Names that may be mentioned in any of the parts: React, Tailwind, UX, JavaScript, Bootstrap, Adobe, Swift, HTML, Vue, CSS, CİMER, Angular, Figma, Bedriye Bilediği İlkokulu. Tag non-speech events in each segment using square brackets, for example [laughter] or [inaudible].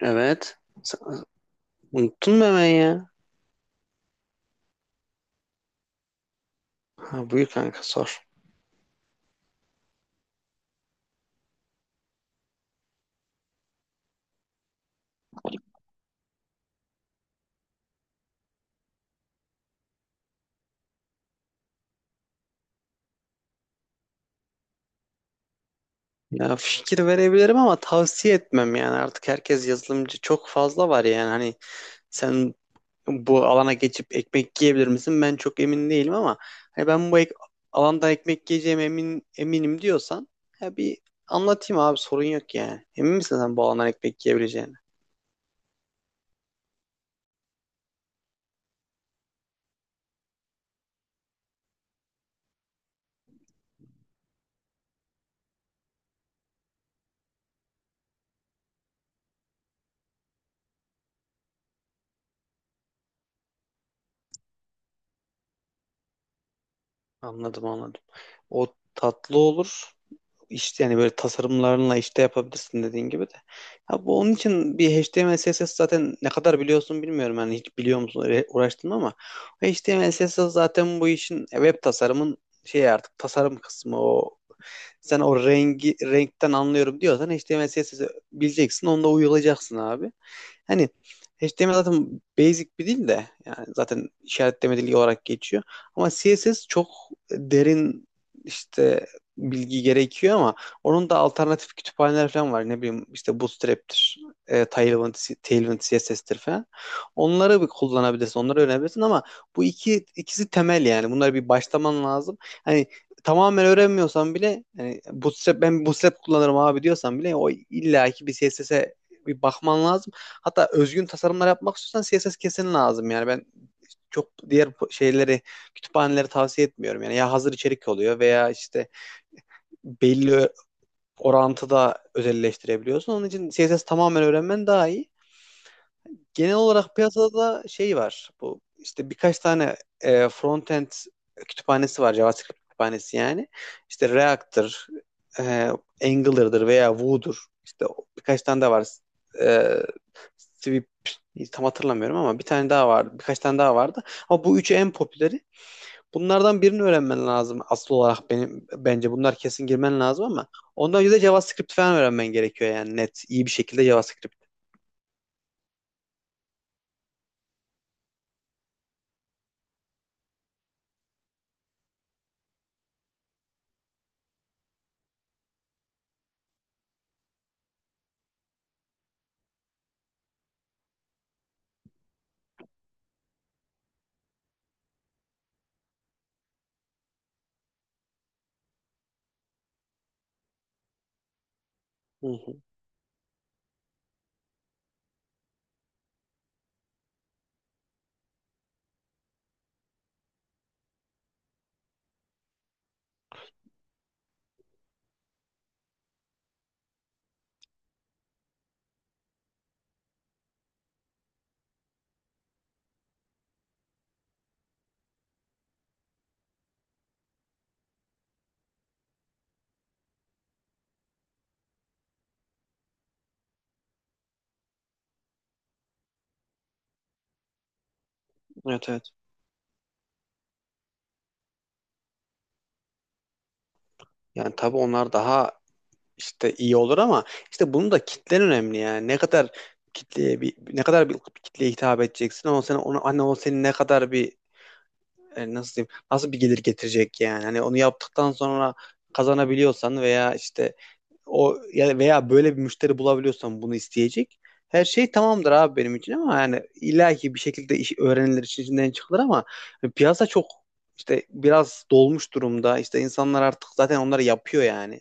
Evet. Sen- Unuttun mu hemen ya? Ha, buyur kanka sor. Ya fikir verebilirim ama tavsiye etmem, yani artık herkes yazılımcı, çok fazla var, yani hani sen bu alana geçip ekmek yiyebilir misin? Ben çok emin değilim ama hani ben bu alanda ekmek yiyeceğim, eminim diyorsan ya bir anlatayım abi, sorun yok yani. Emin misin sen bu alandan ekmek yiyebileceğini? Anladım, anladım. O tatlı olur. işte yani böyle tasarımlarınla işte yapabilirsin dediğin gibi de. Ya bu onun için bir HTML CSS zaten ne kadar biliyorsun bilmiyorum, yani hiç biliyor musun, öyle uğraştın mı ama HTML CSS zaten bu işin web tasarımın şey artık tasarım kısmı o, sen o rengi renkten anlıyorum diyorsan HTML CSS'i bileceksin. Onunla uyulacaksın abi. Hani HTML zaten basic bir dil de, yani zaten işaretleme dili olarak geçiyor. Ama CSS çok derin işte bilgi gerekiyor, ama onun da alternatif kütüphaneler falan var. Ne bileyim işte Bootstrap'tir, e, Tailwind, Tailwind CSS'tir falan. Onları bir kullanabilirsin, onları öğrenebilirsin ama bu ikisi temel yani. Bunları bir başlaman lazım. Hani tamamen öğrenmiyorsan bile yani ben bootstrap kullanırım abi diyorsan bile o illaki bir CSS'e bir bakman lazım. Hatta özgün tasarımlar yapmak istiyorsan CSS kesin lazım, yani ben çok diğer şeyleri, kütüphaneleri tavsiye etmiyorum. Yani ya hazır içerik oluyor veya işte belli orantıda özelleştirebiliyorsun. Onun için CSS tamamen öğrenmen daha iyi. Genel olarak piyasada şey var. Bu işte birkaç tane frontend kütüphanesi var. JavaScript kütüphanesi yani. İşte React'tır, e, Angular'dır veya Vue'dur. İşte birkaç tane daha var. E, Swift tam hatırlamıyorum ama bir tane daha vardı. Birkaç tane daha vardı. Ama bu üçü en popüleri. Bunlardan birini öğrenmen lazım asıl olarak, benim bence bunlar kesin, girmen lazım ama ondan önce de JavaScript falan öğrenmen gerekiyor yani, net iyi bir şekilde JavaScript. Hı hı. Evet, evet. Yani tabii onlar daha işte iyi olur ama işte bunun da kitlen önemli yani. Ne kadar bir kitleye hitap edeceksin, ama sen ona hani o senin ne kadar bir nasıl diyeyim, nasıl bir gelir getirecek yani, hani onu yaptıktan sonra kazanabiliyorsan veya işte o ya veya böyle bir müşteri bulabiliyorsan bunu isteyecek, her şey tamamdır abi benim için, ama yani illaki bir şekilde iş öğrenilir, işin içinden çıkılır ama piyasa çok işte biraz dolmuş durumda, işte insanlar artık zaten onları yapıyor yani.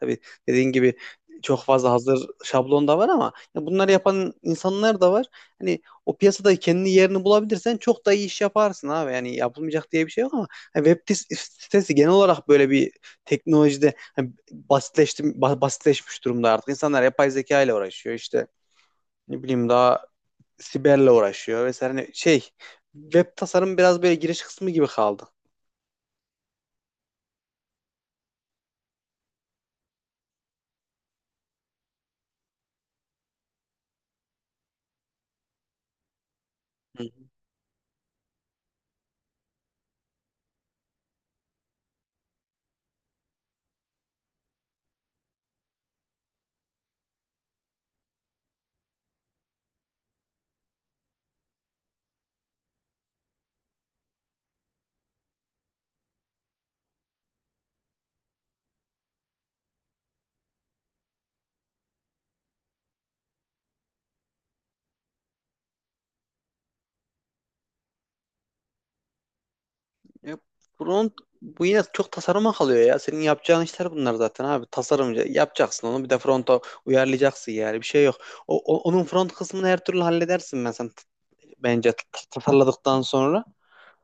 Tabii, dediğin gibi, çok fazla hazır şablon da var ama ya, bunları yapan insanlar da var. Hani o piyasada kendi yerini bulabilirsen çok da iyi iş yaparsın abi. Yani yapılmayacak diye bir şey yok, ama hani web sitesi genel olarak böyle bir teknolojide hani basitleşti, basitleşmiş durumda artık. İnsanlar yapay zeka ile uğraşıyor, işte ne bileyim, daha siberle uğraşıyor vesaire. Hani şey, web tasarım biraz böyle giriş kısmı gibi kaldı. Ya front, bu yine çok tasarıma kalıyor ya. Senin yapacağın işler bunlar zaten abi. Tasarımcı yapacaksın, onu bir de fronta uyarlayacaksın yani. Bir şey yok. Onun front kısmını her türlü halledersin, bence tasarladıktan sonra.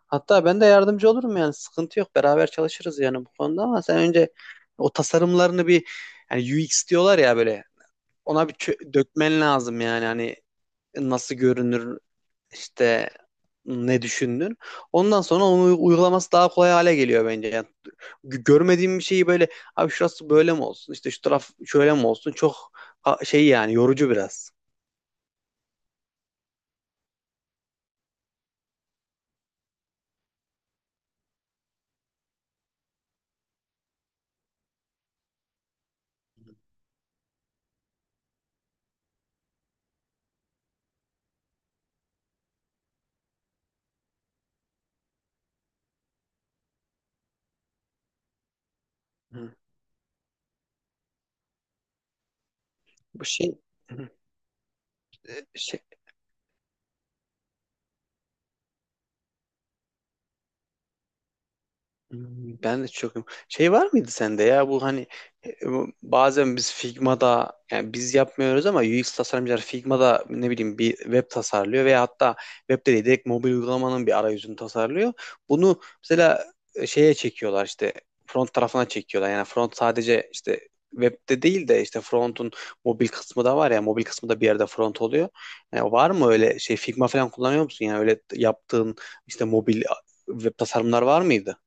Hatta ben de yardımcı olurum yani. Sıkıntı yok. Beraber çalışırız yani bu konuda, ama sen önce o tasarımlarını bir, yani UX diyorlar ya böyle, ona bir dökmen lazım yani. Hani nasıl görünür, işte ne düşündün. Ondan sonra onu uygulaması daha kolay hale geliyor bence. Yani görmediğim bir şeyi böyle abi şurası böyle mi olsun, işte şu taraf şöyle mi olsun, çok şey yani, yorucu biraz. Hı. Bu şey. Hı. Ben de çok şey var mıydı sende ya, bu hani bu bazen biz Figma'da, yani biz yapmıyoruz ama UX tasarımcılar Figma'da ne bileyim bir web tasarlıyor, veya hatta web de değil, direkt mobil uygulamanın bir arayüzünü tasarlıyor. Bunu mesela şeye çekiyorlar, işte front tarafına çekiyorlar. Yani front sadece işte webde değil de, işte front'un mobil kısmı da var ya, mobil kısmı da bir yerde front oluyor. Yani var mı öyle şey, Figma falan kullanıyor musun? Yani öyle yaptığın işte mobil web tasarımlar var mıydı?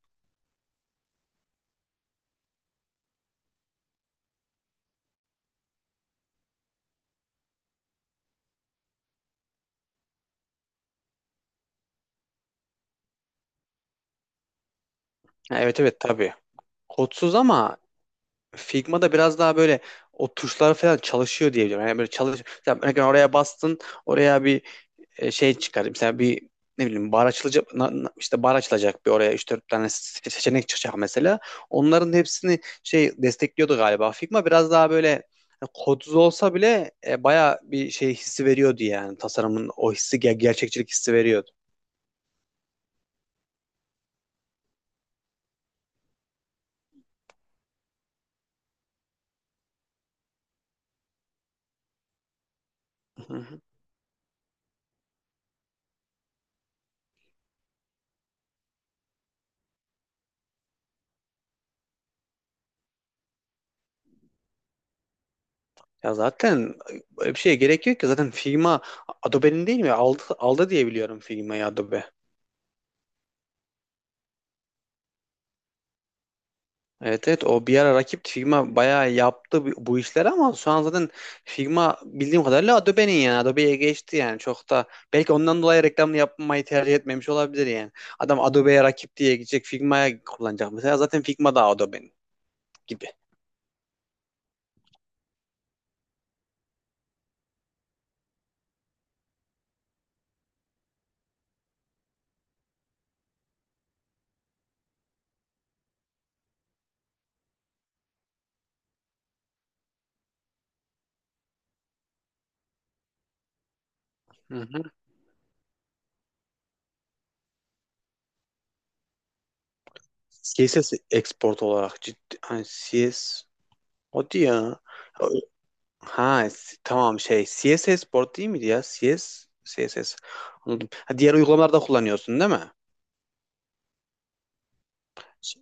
Ha, evet evet tabii. Kodsuz ama Figma'da biraz daha böyle o tuşlar falan çalışıyor diyebilirim. Yani böyle çalış mesela, örneğin oraya bastın, oraya bir şey çıkar. Mesela bir ne bileyim bar açılacak işte bar açılacak bir oraya 3-4 tane seçenek çıkacak mesela. Onların hepsini şey destekliyordu galiba. Figma biraz daha böyle kodsuz olsa bile baya bir şey hissi veriyordu yani. Tasarımın o hissi gerçekçilik hissi veriyordu. [laughs] Ya zaten böyle bir şeye gerek yok ki. Zaten Figma Adobe'nin değil mi? Aldı, aldı diye biliyorum, Figma'yı Adobe. Evet, evet, o bir ara rakip, Figma bayağı yaptı bu işleri ama şu an zaten Figma bildiğim kadarıyla Adobe'nin, yani Adobe'ye geçti yani, çok da belki ondan dolayı reklamını yapmayı tercih etmemiş olabilir yani. Adam Adobe'ye rakip diye gidecek Figma'ya kullanacak mesela, zaten Figma da Adobe'nin gibi. Hı hı. CSS export olarak, ciddi hani, CS o diyor. Ha, tamam, şey CSS Board değil miydi ya? CS CSS. Anladım. Ha, diğer uygulamalarda kullanıyorsun değil mi? Şey.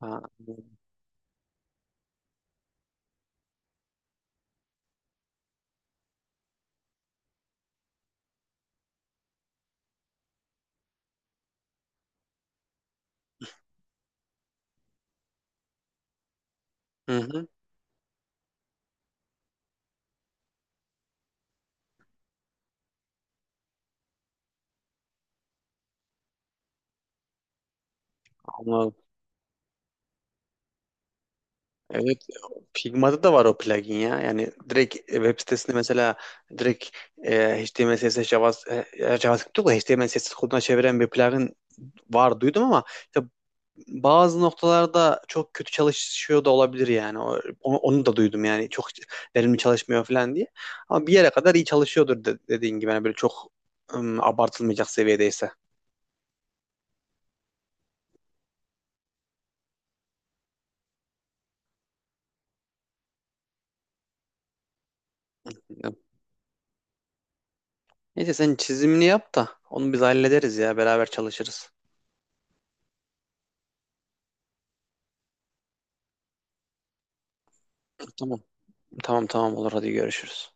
Ha. Hı hı. Anladım. Evet, Figma'da da var o plugin ya. Yani direkt web sitesinde mesela direkt HTML, CSS, Java, JavaScript yok da HTML, CSS koduna çeviren bir plugin var duydum, ama işte bazı noktalarda çok kötü çalışıyor da olabilir yani. Onu da duydum yani çok verimli çalışmıyor falan diye. Ama bir yere kadar iyi çalışıyordur dediğin gibi. Yani böyle çok abartılmayacak seviyedeyse. Neyse sen çizimini yap da onu biz hallederiz ya, beraber çalışırız. Tamam. Tamam tamam olur, hadi görüşürüz.